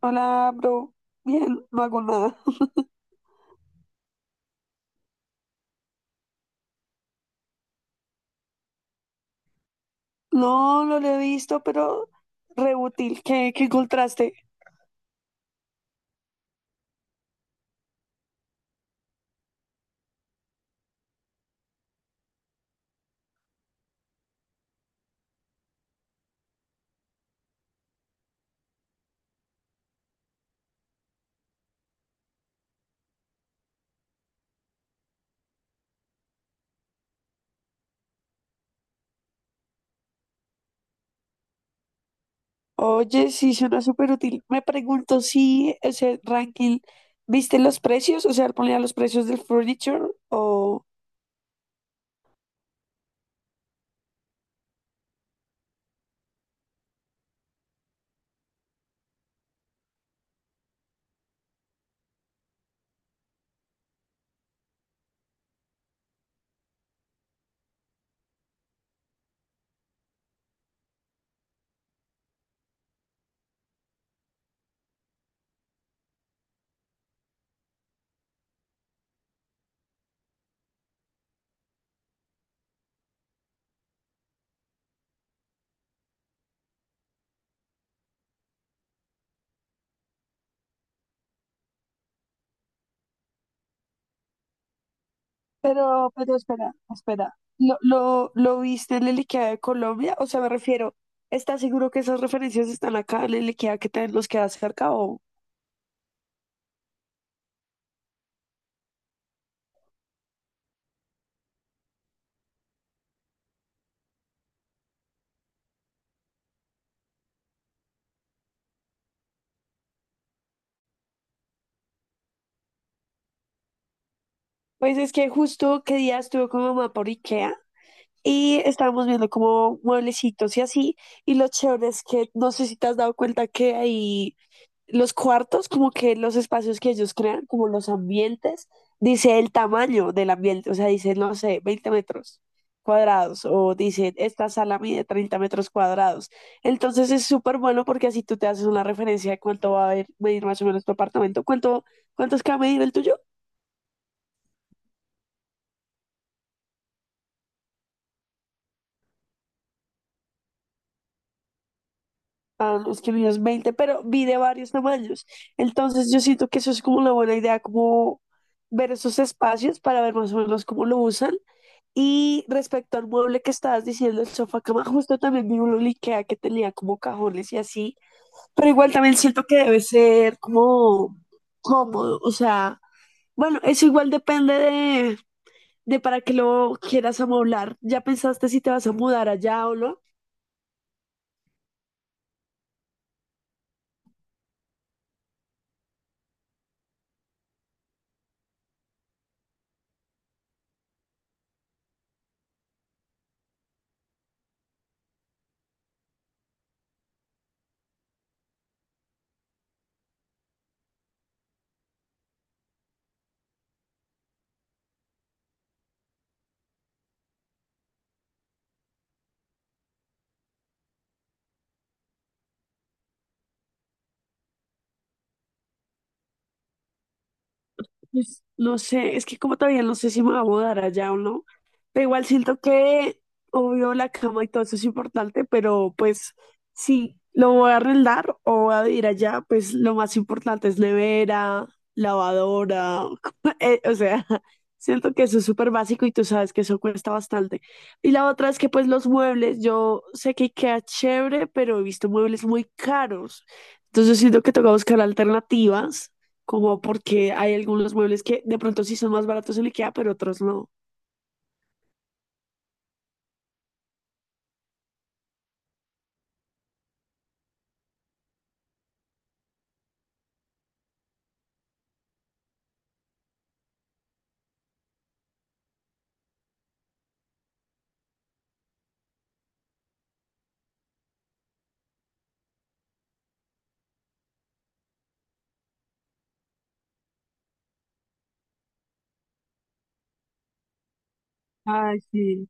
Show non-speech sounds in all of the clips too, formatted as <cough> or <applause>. Hola, bro. Bien, no hago nada. <laughs> No, no lo he visto, pero re útil. ¿Qué encontraste? Oye, sí, suena súper útil. Me pregunto si ese ranking, ¿viste los precios? O sea, ponía los precios del furniture o. Pero espera, espera. ¿Lo viste en el IKEA de Colombia? O sea, me refiero, ¿estás seguro que esas referencias están acá en el IKEA que nos queda cerca o? Pues es que justo qué día estuve con mi mamá por IKEA y estábamos viendo como mueblecitos y así. Y lo chévere es que no sé si te has dado cuenta que ahí los cuartos, como que los espacios que ellos crean, como los ambientes, dice el tamaño del ambiente. O sea, dice, no sé, 20 metros cuadrados. O dice, esta sala mide 30 metros cuadrados. Entonces es súper bueno porque así tú te haces una referencia de cuánto va a medir más o menos tu apartamento. ¿Cuánto es que va a medir el tuyo? Ah, no, es que el mío es 20, pero vi de varios tamaños. Entonces yo siento que eso es como una buena idea, como ver esos espacios para ver más o menos cómo lo usan. Y respecto al mueble que estabas diciendo, el sofá cama, justo también vi uno en IKEA que tenía como cajones y así. Pero igual también siento que debe ser como cómodo. O sea, bueno, eso igual depende de para qué lo quieras amoblar. ¿Ya pensaste si te vas a mudar allá o no? Pues, no sé, es que como todavía no sé si me voy a mudar allá o no, pero igual siento que, obvio, la cama y todo eso es importante, pero pues si lo voy a arrendar o voy a vivir allá, pues lo más importante es nevera, lavadora, <laughs> o sea, <laughs> siento que eso es súper básico y tú sabes que eso cuesta bastante. Y la otra es que pues los muebles, yo sé que queda chévere, pero he visto muebles muy caros, entonces siento que toca buscar alternativas como porque hay algunos muebles que de pronto sí son más baratos en IKEA, pero otros no. Ay, sí.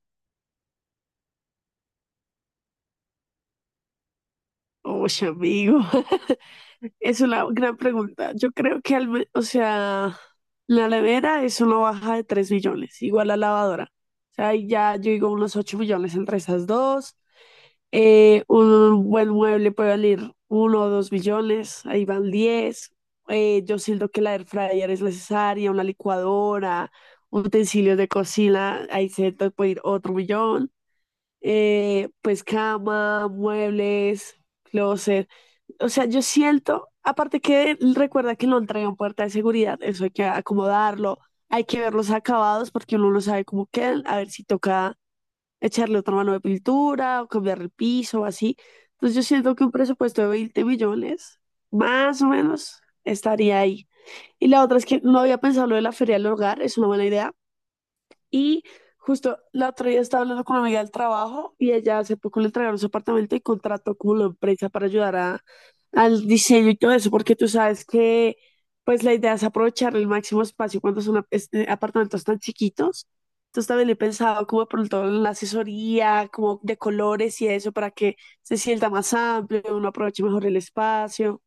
Oye, amigo, <laughs> es una gran pregunta. Yo creo que, o sea, la nevera es una baja de 3 millones, igual la lavadora. O sea, ahí ya yo digo unos 8 millones entre esas dos. Un buen mueble puede valer 1 o 2 millones, ahí van 10. Yo siento que la air fryer es necesaria, una licuadora, utensilios de cocina, ahí se te puede ir otro millón. Pues cama, muebles, closet. O sea, yo siento, aparte que recuerda que lo entregan puerta de seguridad, eso hay que acomodarlo, hay que ver los acabados porque uno no sabe cómo quedan, a ver si toca echarle otra mano de pintura o cambiar el piso o así. Entonces yo siento que un presupuesto de 20 millones, más o menos, estaría ahí. Y la otra es que no había pensado lo de la feria del hogar, es una buena idea. Y justo la otra día estaba hablando con una amiga del trabajo y ella hace poco le entregaron su apartamento y contrató como la empresa para ayudar al diseño y todo eso, porque tú sabes que pues la idea es aprovechar el máximo espacio cuando son apartamentos tan chiquitos. Entonces también he pensado como de pronto en la asesoría, como de colores y eso, para que se sienta más amplio, uno aproveche mejor el espacio.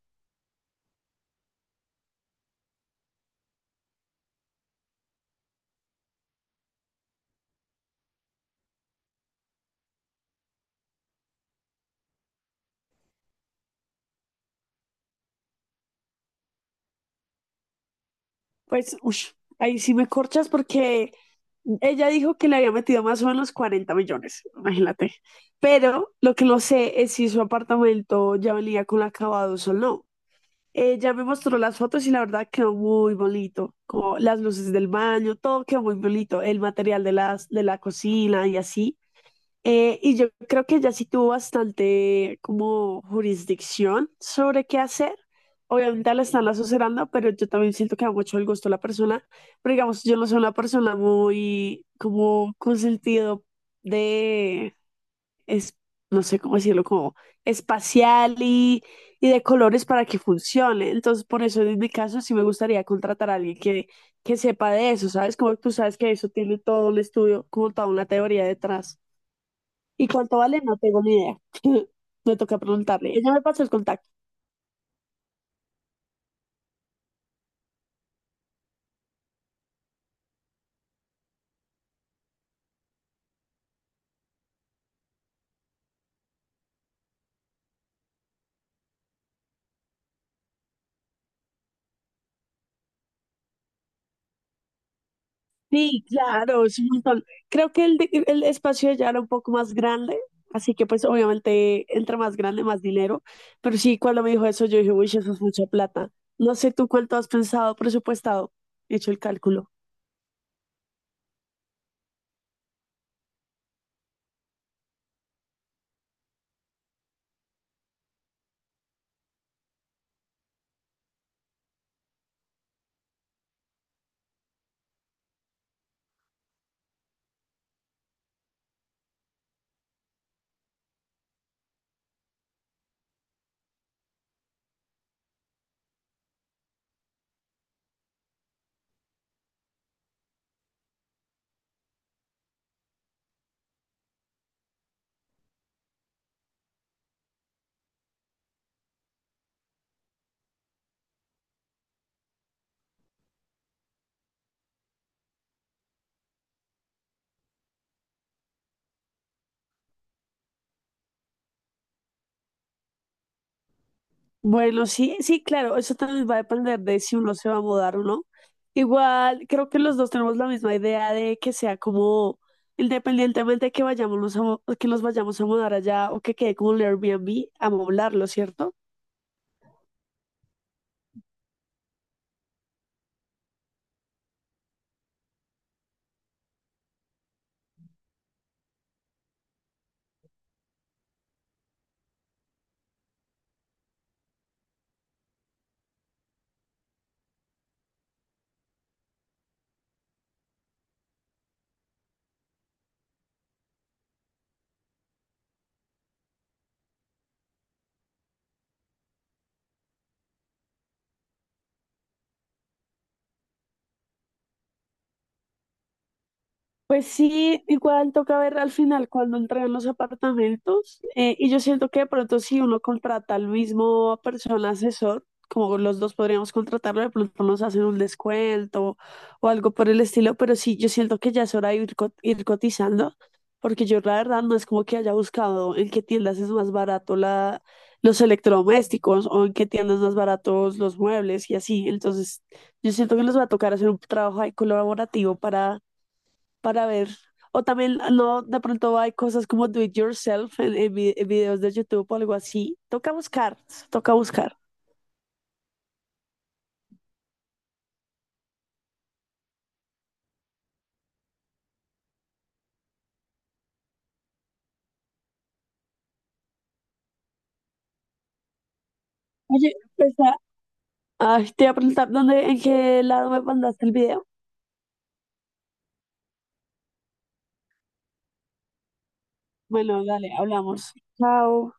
Pues, ush, ahí sí me corchas porque ella dijo que le había metido más o menos 40 millones, imagínate. Pero lo que no sé es si su apartamento ya venía con acabados o no. Ella me mostró las fotos y la verdad quedó muy bonito, como las luces del baño, todo quedó muy bonito, el material de las de la cocina y así. Y yo creo que ella sí tuvo bastante como jurisdicción sobre qué hacer. Obviamente la están asesorando, pero yo también siento que da mucho el gusto a la persona. Pero digamos, yo no soy una persona muy como con sentido de, es, no sé cómo decirlo, como espacial y de colores para que funcione. Entonces, por eso en mi caso sí me gustaría contratar a alguien que sepa de eso, ¿sabes? Como tú sabes que eso tiene todo un estudio, como toda una teoría detrás. ¿Y cuánto vale? No tengo ni idea. <laughs> Me toca preguntarle. Ella me pasó el contacto. Sí, claro, es un montón. Creo que el espacio ya era un poco más grande, así que pues obviamente entre más grande, más dinero. Pero sí, cuando me dijo eso, yo dije, uy, eso es mucha plata. No sé tú cuánto has pensado, presupuestado, hecho el cálculo. Bueno, sí, sí, claro, eso también va a depender de si uno se va a mudar o no. Igual, creo que los dos tenemos la misma idea de que sea como, independientemente de que nos vayamos a mudar allá o que quede como un Airbnb, amoblarlo, ¿cierto? Pues sí, igual toca ver al final cuando entregan los apartamentos. Y yo siento que de pronto si uno contrata al mismo persona asesor, como los dos podríamos contratarlo, de pronto nos hacen un descuento o algo por el estilo. Pero sí, yo siento que ya es hora de ir cotizando, porque yo la verdad no es como que haya buscado en qué tiendas es más barato los electrodomésticos o en qué tiendas más baratos los muebles y así. Entonces, yo siento que nos va a tocar hacer un trabajo ahí colaborativo para ver. O también no, de pronto hay cosas como do it yourself en, en videos de YouTube o algo así. Toca buscar, toca buscar. Oye, pues, ah, ay, te voy a preguntar dónde, en qué lado me mandaste el video. Bueno, dale, hablamos. Chao.